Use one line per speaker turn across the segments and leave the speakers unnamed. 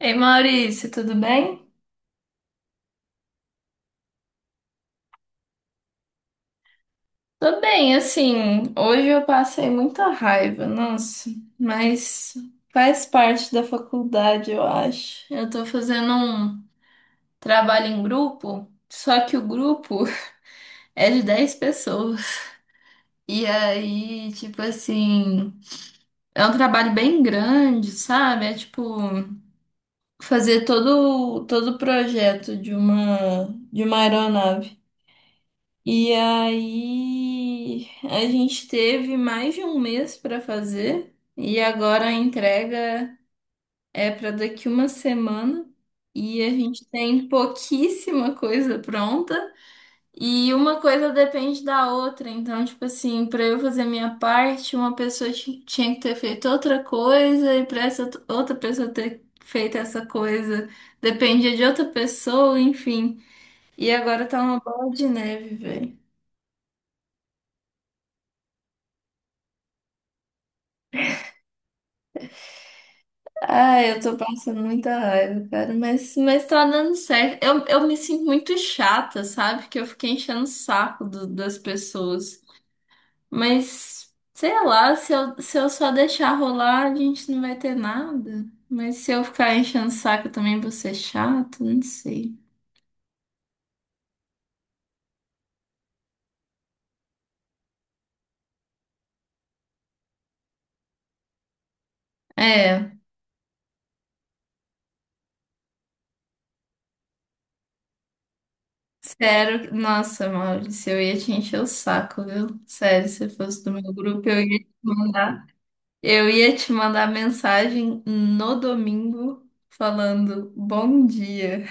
Ei, Maurício, tudo bem? Tô bem, assim, hoje eu passei muita raiva, nossa, mas faz parte da faculdade, eu acho. Eu tô fazendo um trabalho em grupo, só que o grupo é de 10 pessoas. E aí, tipo assim, é um trabalho bem grande, sabe? É tipo fazer todo o projeto de uma aeronave. E aí a gente teve mais de um mês para fazer e agora a entrega é para daqui uma semana e a gente tem pouquíssima coisa pronta e uma coisa depende da outra. Então, tipo assim, para eu fazer minha parte, uma pessoa tinha que ter feito outra coisa e para essa outra pessoa ter feito essa coisa dependia de outra pessoa, enfim. E agora tá uma bola de neve. Ah, eu tô passando muita raiva, cara, mas tá dando certo. Eu me sinto muito chata, sabe? Porque eu fiquei enchendo o saco das pessoas. Mas, sei lá, se eu só deixar rolar, a gente não vai ter nada. Mas se eu ficar enchendo o saco, eu também vou ser chato, não sei. É, sério, nossa, Maurício, eu ia te encher o saco, viu? Sério, se eu fosse do meu grupo, eu ia te mandar. Eu ia te mandar mensagem no domingo falando bom dia.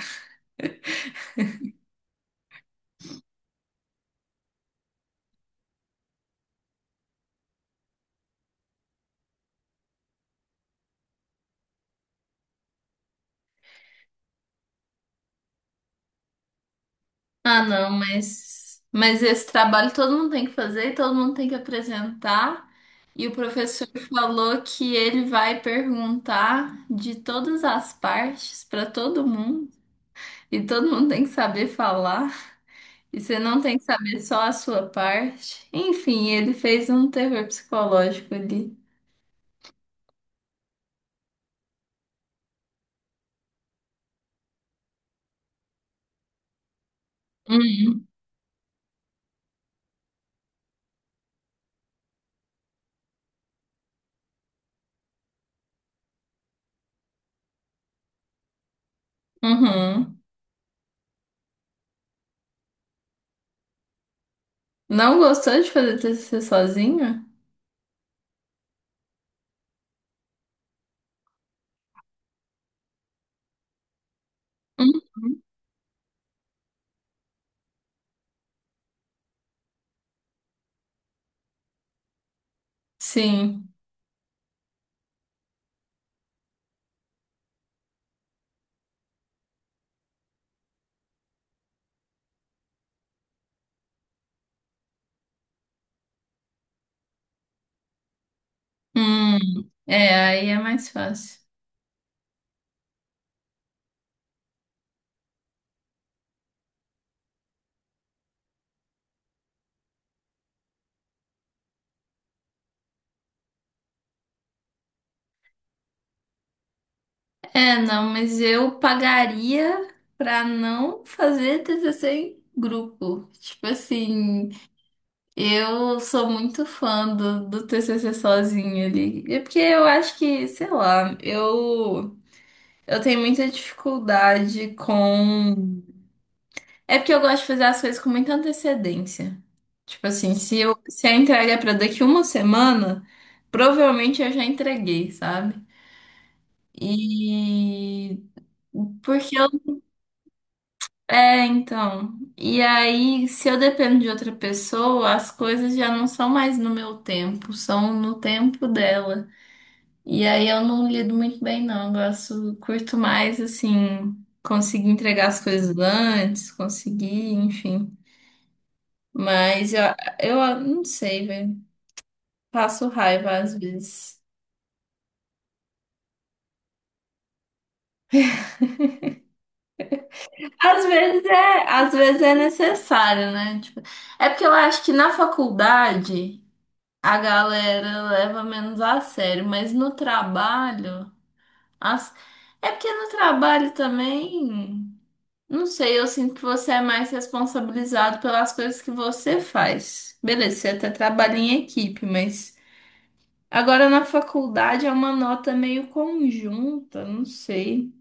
Ah, não, mas esse trabalho todo mundo tem que fazer, e todo mundo tem que apresentar. E o professor falou que ele vai perguntar de todas as partes para todo mundo. E todo mundo tem que saber falar. E você não tem que saber só a sua parte. Enfim, ele fez um terror psicológico ali. Uhum. Uhum. Não gostou de fazer TCC sozinho? Hum. Sim. Hum, é, aí é mais fácil. É, não, mas eu pagaria pra não fazer TCC em grupo. Tipo assim, eu sou muito fã do TCC sozinho ali. É porque eu acho que, sei lá, eu tenho muita dificuldade com. É porque eu gosto de fazer as coisas com muita antecedência. Tipo assim, se a entrega é pra daqui uma semana, provavelmente eu já entreguei, sabe? E porque eu. É, então. E aí, se eu dependo de outra pessoa, as coisas já não são mais no meu tempo, são no tempo dela. E aí eu não lido muito bem, não. Eu gosto, curto mais, assim, conseguir entregar as coisas antes, conseguir, enfim. Mas eu, não sei, velho. Passo raiva às vezes. Às vezes é necessário, né? Tipo, é porque eu acho que na faculdade a galera leva menos a sério, mas no trabalho, as... é porque no trabalho também, não sei, eu sinto que você é mais responsabilizado pelas coisas que você faz. Beleza, você é até trabalha em equipe, mas agora na faculdade é uma nota meio conjunta, não sei.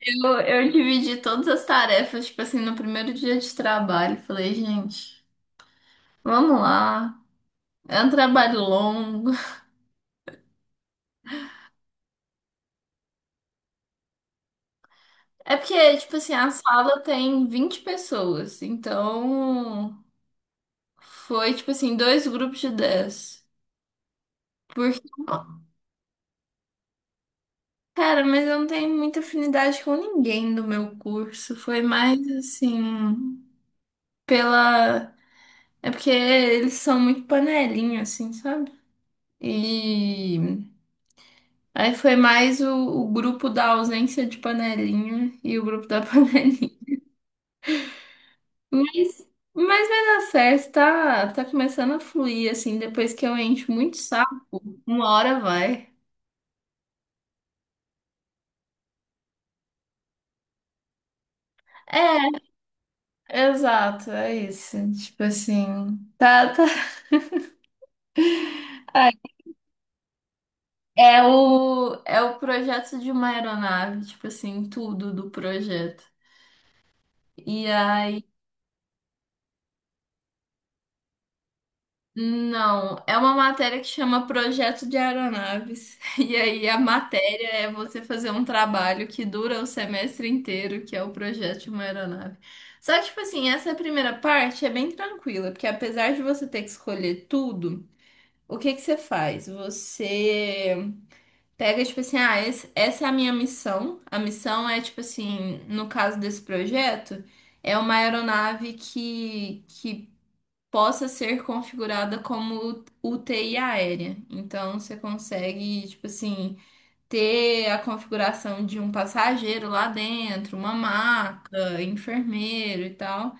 Eu dividi todas as tarefas, tipo assim, no primeiro dia de trabalho. Falei, gente, vamos lá. É um trabalho longo. É porque, tipo assim, a sala tem 20 pessoas, então foi, tipo assim, dois grupos de 10. Porque, cara, mas eu não tenho muita afinidade com ninguém do meu curso. Foi mais, assim, pela. É porque eles são muito panelinha, assim, sabe? E aí foi mais o grupo da ausência de panelinha e o grupo da panelinha. Mas, mas vai dar certo, tá, tá começando a fluir, assim, depois que eu encho muito saco, uma hora vai. É, exato, é isso. Tipo assim, tá, tá. Ai, é o projeto de uma aeronave, tipo assim, tudo do projeto. E aí. Não, é uma matéria que chama Projeto de Aeronaves. E aí a matéria é você fazer um trabalho que dura o semestre inteiro, que é o projeto de uma aeronave. Só que, tipo assim, essa primeira parte é bem tranquila, porque apesar de você ter que escolher tudo, o que que você faz? Você pega, tipo assim, ah, essa é a minha missão. A missão é, tipo assim, no caso desse projeto, é uma aeronave que possa ser configurada como UTI aérea. Então você consegue, tipo assim, ter a configuração de um passageiro lá dentro, uma maca, enfermeiro e tal.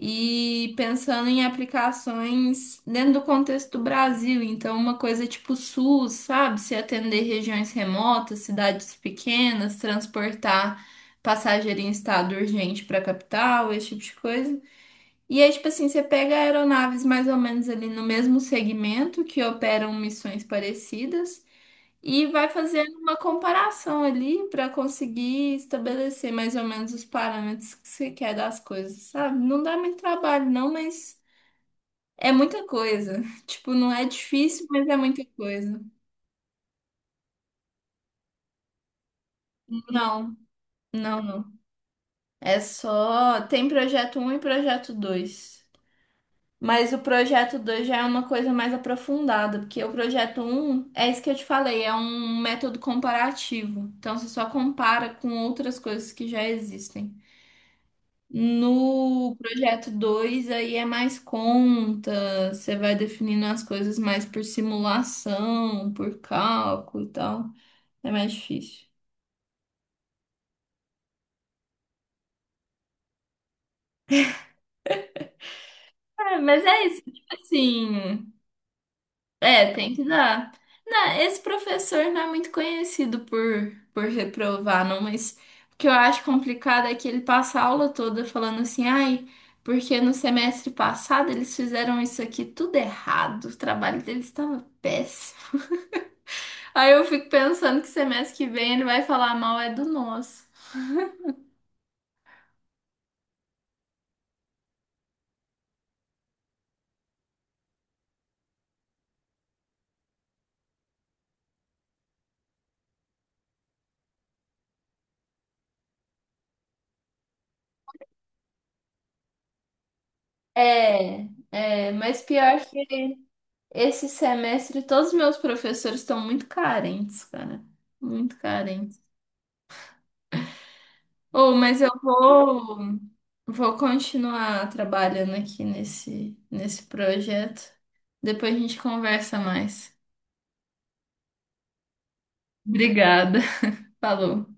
E pensando em aplicações dentro do contexto do Brasil, então uma coisa tipo SUS, sabe? Se atender regiões remotas, cidades pequenas, transportar passageiro em estado urgente para a capital, esse tipo de coisa. E aí, tipo assim, você pega aeronaves mais ou menos ali no mesmo segmento que operam missões parecidas e vai fazendo uma comparação ali para conseguir estabelecer mais ou menos os parâmetros que você quer das coisas, sabe? Não dá muito trabalho, não, mas é muita coisa. Tipo, não é difícil, mas é muita coisa. Não, não, não. É só. Tem projeto um e projeto dois. Mas o projeto 2 já é uma coisa mais aprofundada, porque o projeto um é isso que eu te falei, é um método comparativo. Então você só compara com outras coisas que já existem. No projeto 2 aí é mais conta, você vai definindo as coisas mais por simulação, por cálculo e tal. É mais difícil. É, mas é isso, tipo assim. É, tem que dar. Não, esse professor não é muito conhecido por reprovar, não, mas o que eu acho complicado é que ele passa a aula toda falando assim, ai, porque no semestre passado eles fizeram isso aqui tudo errado, o trabalho deles estava péssimo. Aí eu fico pensando que semestre que vem ele vai falar mal é do nosso. É, é, mas pior que esse semestre todos os meus professores estão muito carentes, cara. Muito carentes. Oh, mas eu vou, vou continuar trabalhando aqui nesse projeto. Depois a gente conversa mais. Obrigada. Falou.